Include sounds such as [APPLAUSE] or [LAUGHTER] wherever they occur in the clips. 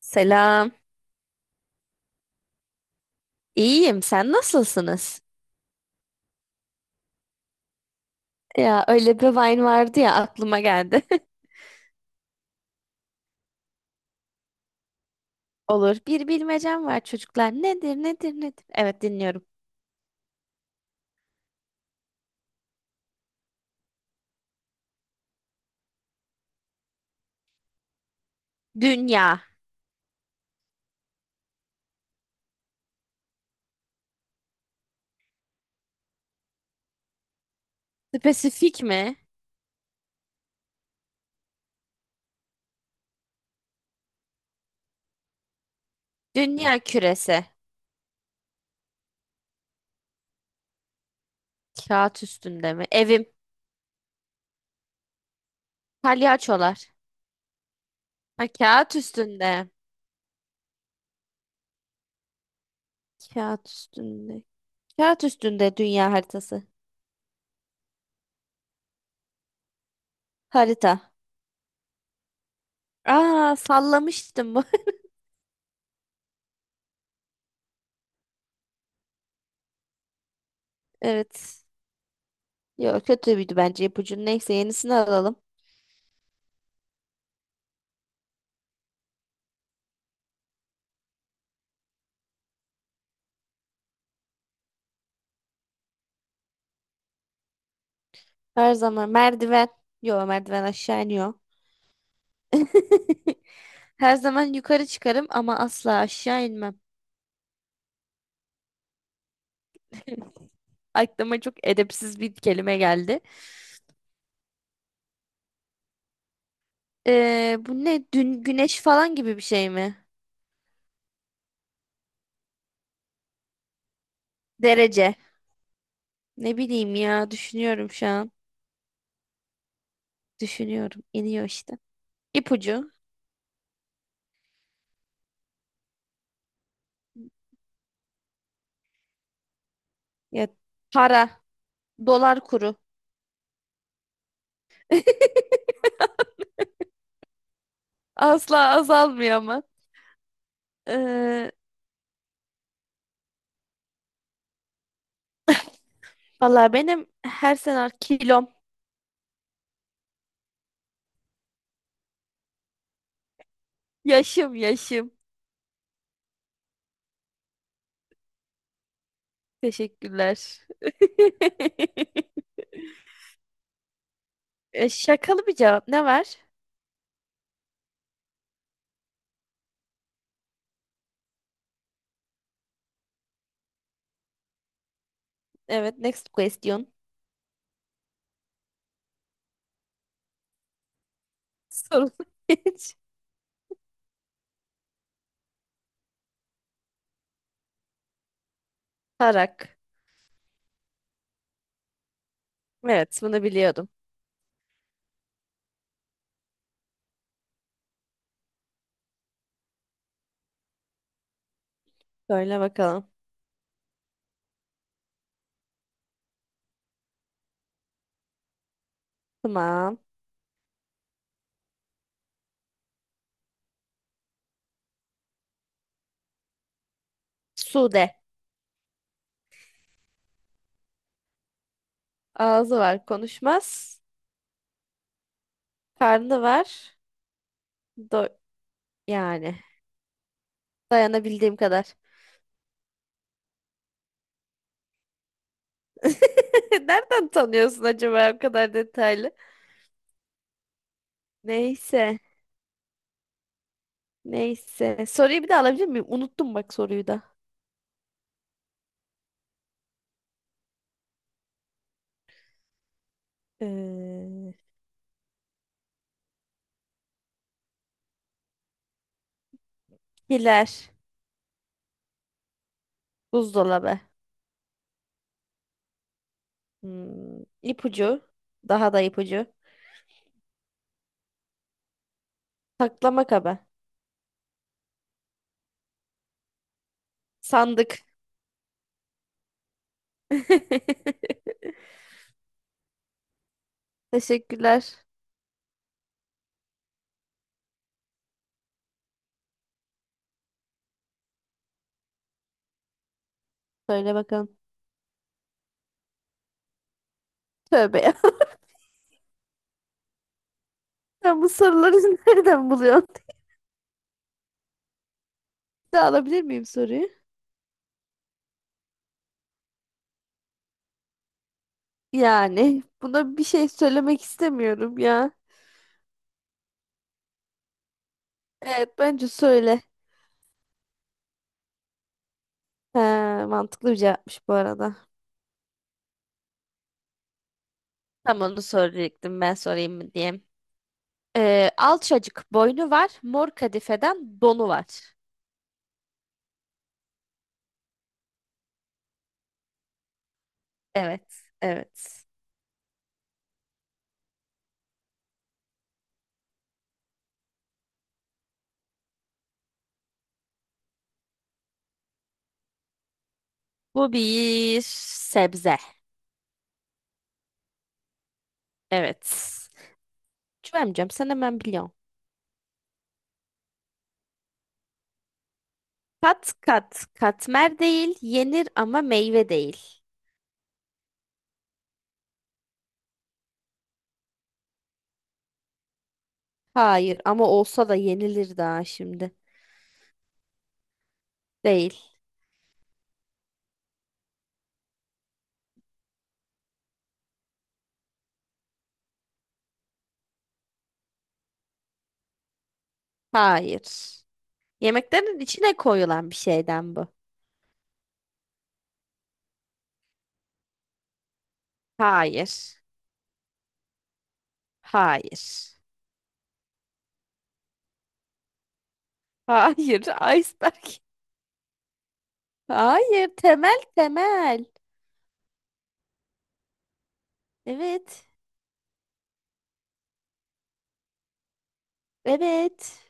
Selam. İyiyim. Sen nasılsınız? Ya öyle bir Vine vardı ya aklıma geldi. [LAUGHS] Olur. Bir bilmecem var çocuklar. Nedir, nedir, nedir? Evet, dinliyorum. Dünya. Spesifik mi? Dünya küresi. Kağıt üstünde mi? Evim. Palyaçolar. Ha, kağıt üstünde. Kağıt üstünde. Kağıt üstünde dünya haritası. Harita. Aa, sallamıştım bu. [LAUGHS] Evet. Yok, kötüydü bence ipucu. Neyse, yenisini alalım. Her zaman merdiven. Yo, merdiven aşağı iniyor. [LAUGHS] Her zaman yukarı çıkarım ama asla aşağı inmem. [LAUGHS] Aklıma çok edepsiz bir kelime geldi. Bu ne? Dün güneş falan gibi bir şey mi? Derece. Ne bileyim ya, düşünüyorum şu an. Düşünüyorum. İniyor işte. İpucu. Ya, para. Dolar kuru. [LAUGHS] Asla azalmıyor ama. Ee, Valla benim her sene kilom. Yaşım. Teşekkürler. [LAUGHS] E, şakalı bir cevap. Ne var? Evet, next question. [LAUGHS] Sorun hiç. Tarak. Evet, bunu biliyordum. Söyle bakalım. Tamam. Sude. Ağzı var, konuşmaz. Karnı var. Do yani. Dayanabildiğim kadar. [LAUGHS] Nereden tanıyorsun acaba o kadar detaylı? Neyse. Neyse. Soruyu bir de alabilir miyim? Unuttum bak soruyu da. Ee, Hilal. Buzdolabı. Hmm, ipucu. Daha da ipucu. Saklama kabı. Sandık. [LAUGHS] Teşekkürler. Söyle bakalım. Tövbe ya. [LAUGHS] Ben bu soruları [LAUGHS] nereden buluyorum? Bir daha alabilir miyim soruyu? Yani buna bir şey söylemek istemiyorum ya. Evet, bence söyle. He, mantıklı bir cevapmış bu arada. Tam onu soracaktım, ben sorayım mı diye. Alçacık boynu var, mor kadifeden donu var. Evet, evet. Bu bir sebze. Evet. Cüvemcem sen hemen biliyorsun. Kat kat katmer değil, yenir ama meyve değil. Hayır, ama olsa da yenilir daha şimdi. Değil. Hayır. Yemeklerin içine koyulan bir şeyden bu. Hayır. Hayır. Hayır. [LAUGHS] Iceberg. Hayır. Temel temel. Evet. Evet.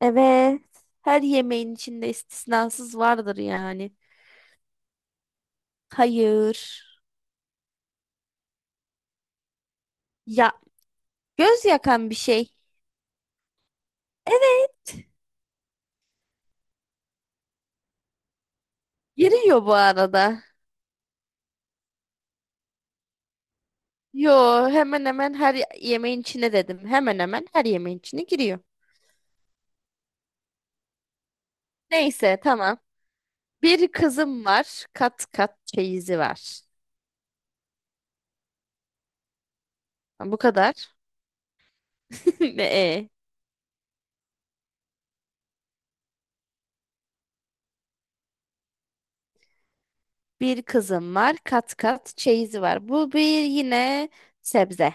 Evet. Her yemeğin içinde istisnasız vardır yani. Hayır. Ya, göz yakan bir şey. Evet. Giriyor bu arada. Yo, hemen hemen her yemeğin içine dedim. Hemen hemen her yemeğin içine giriyor. Neyse tamam. Bir kızım var. Kat kat çeyizi var. Bu kadar. [LAUGHS] Ne? E? Bir kızım var. Kat kat çeyizi var. Bu bir yine sebze.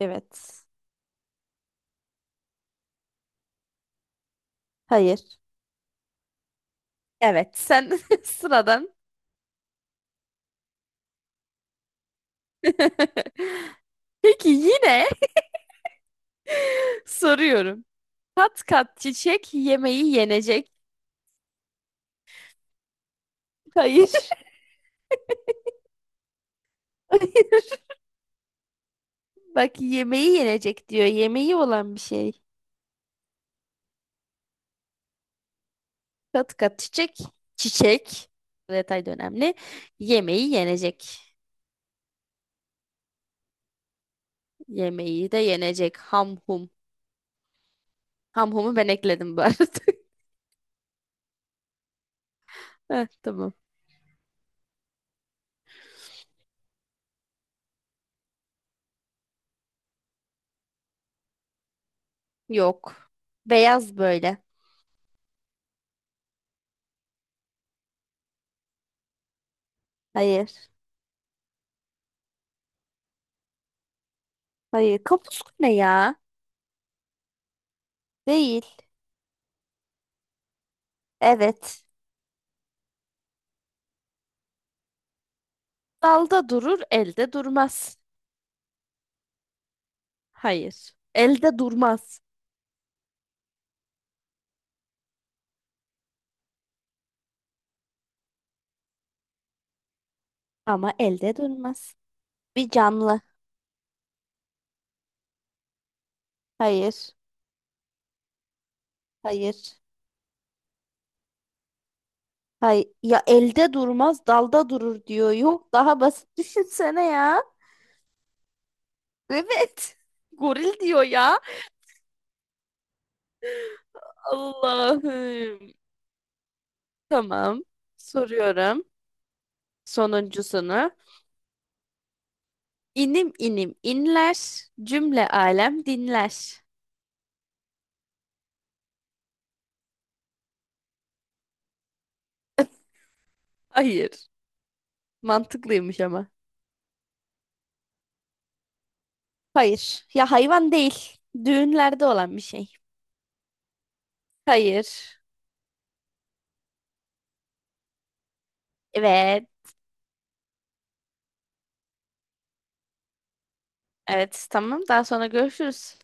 Evet. Hayır. Evet sen [LAUGHS] sıradan. [LAUGHS] Peki yine [LAUGHS] soruyorum. Kat kat çiçek yemeği yenecek. Hayır. [LAUGHS] Bak, yemeği yenecek diyor. Yemeği olan bir şey. Kat kat çiçek. Çiçek. Bu detay da önemli. Yemeği yenecek. Yemeği de yenecek. Ham hum. Ham humu ben ekledim bu arada. [LAUGHS] Heh, tamam. Yok. Beyaz böyle. Hayır. Hayır. Kapuska ne ya? Değil. Evet. Dalda durur, elde durmaz. Hayır. Elde durmaz. Ama elde durmaz. Bir canlı. Hayır. Hayır. Hay ya, elde durmaz dalda durur diyor. Yok, daha basit [LAUGHS] düşünsene ya. Evet. [LAUGHS] Goril diyor ya. Allah'ım. Tamam. Soruyorum sonuncusunu. İnim inim inler, cümle alem dinler. Hayır. Mantıklıymış ama. Hayır. Ya, hayvan değil. Düğünlerde olan bir şey. Hayır. Evet. Evet. Tamam. Daha sonra görüşürüz.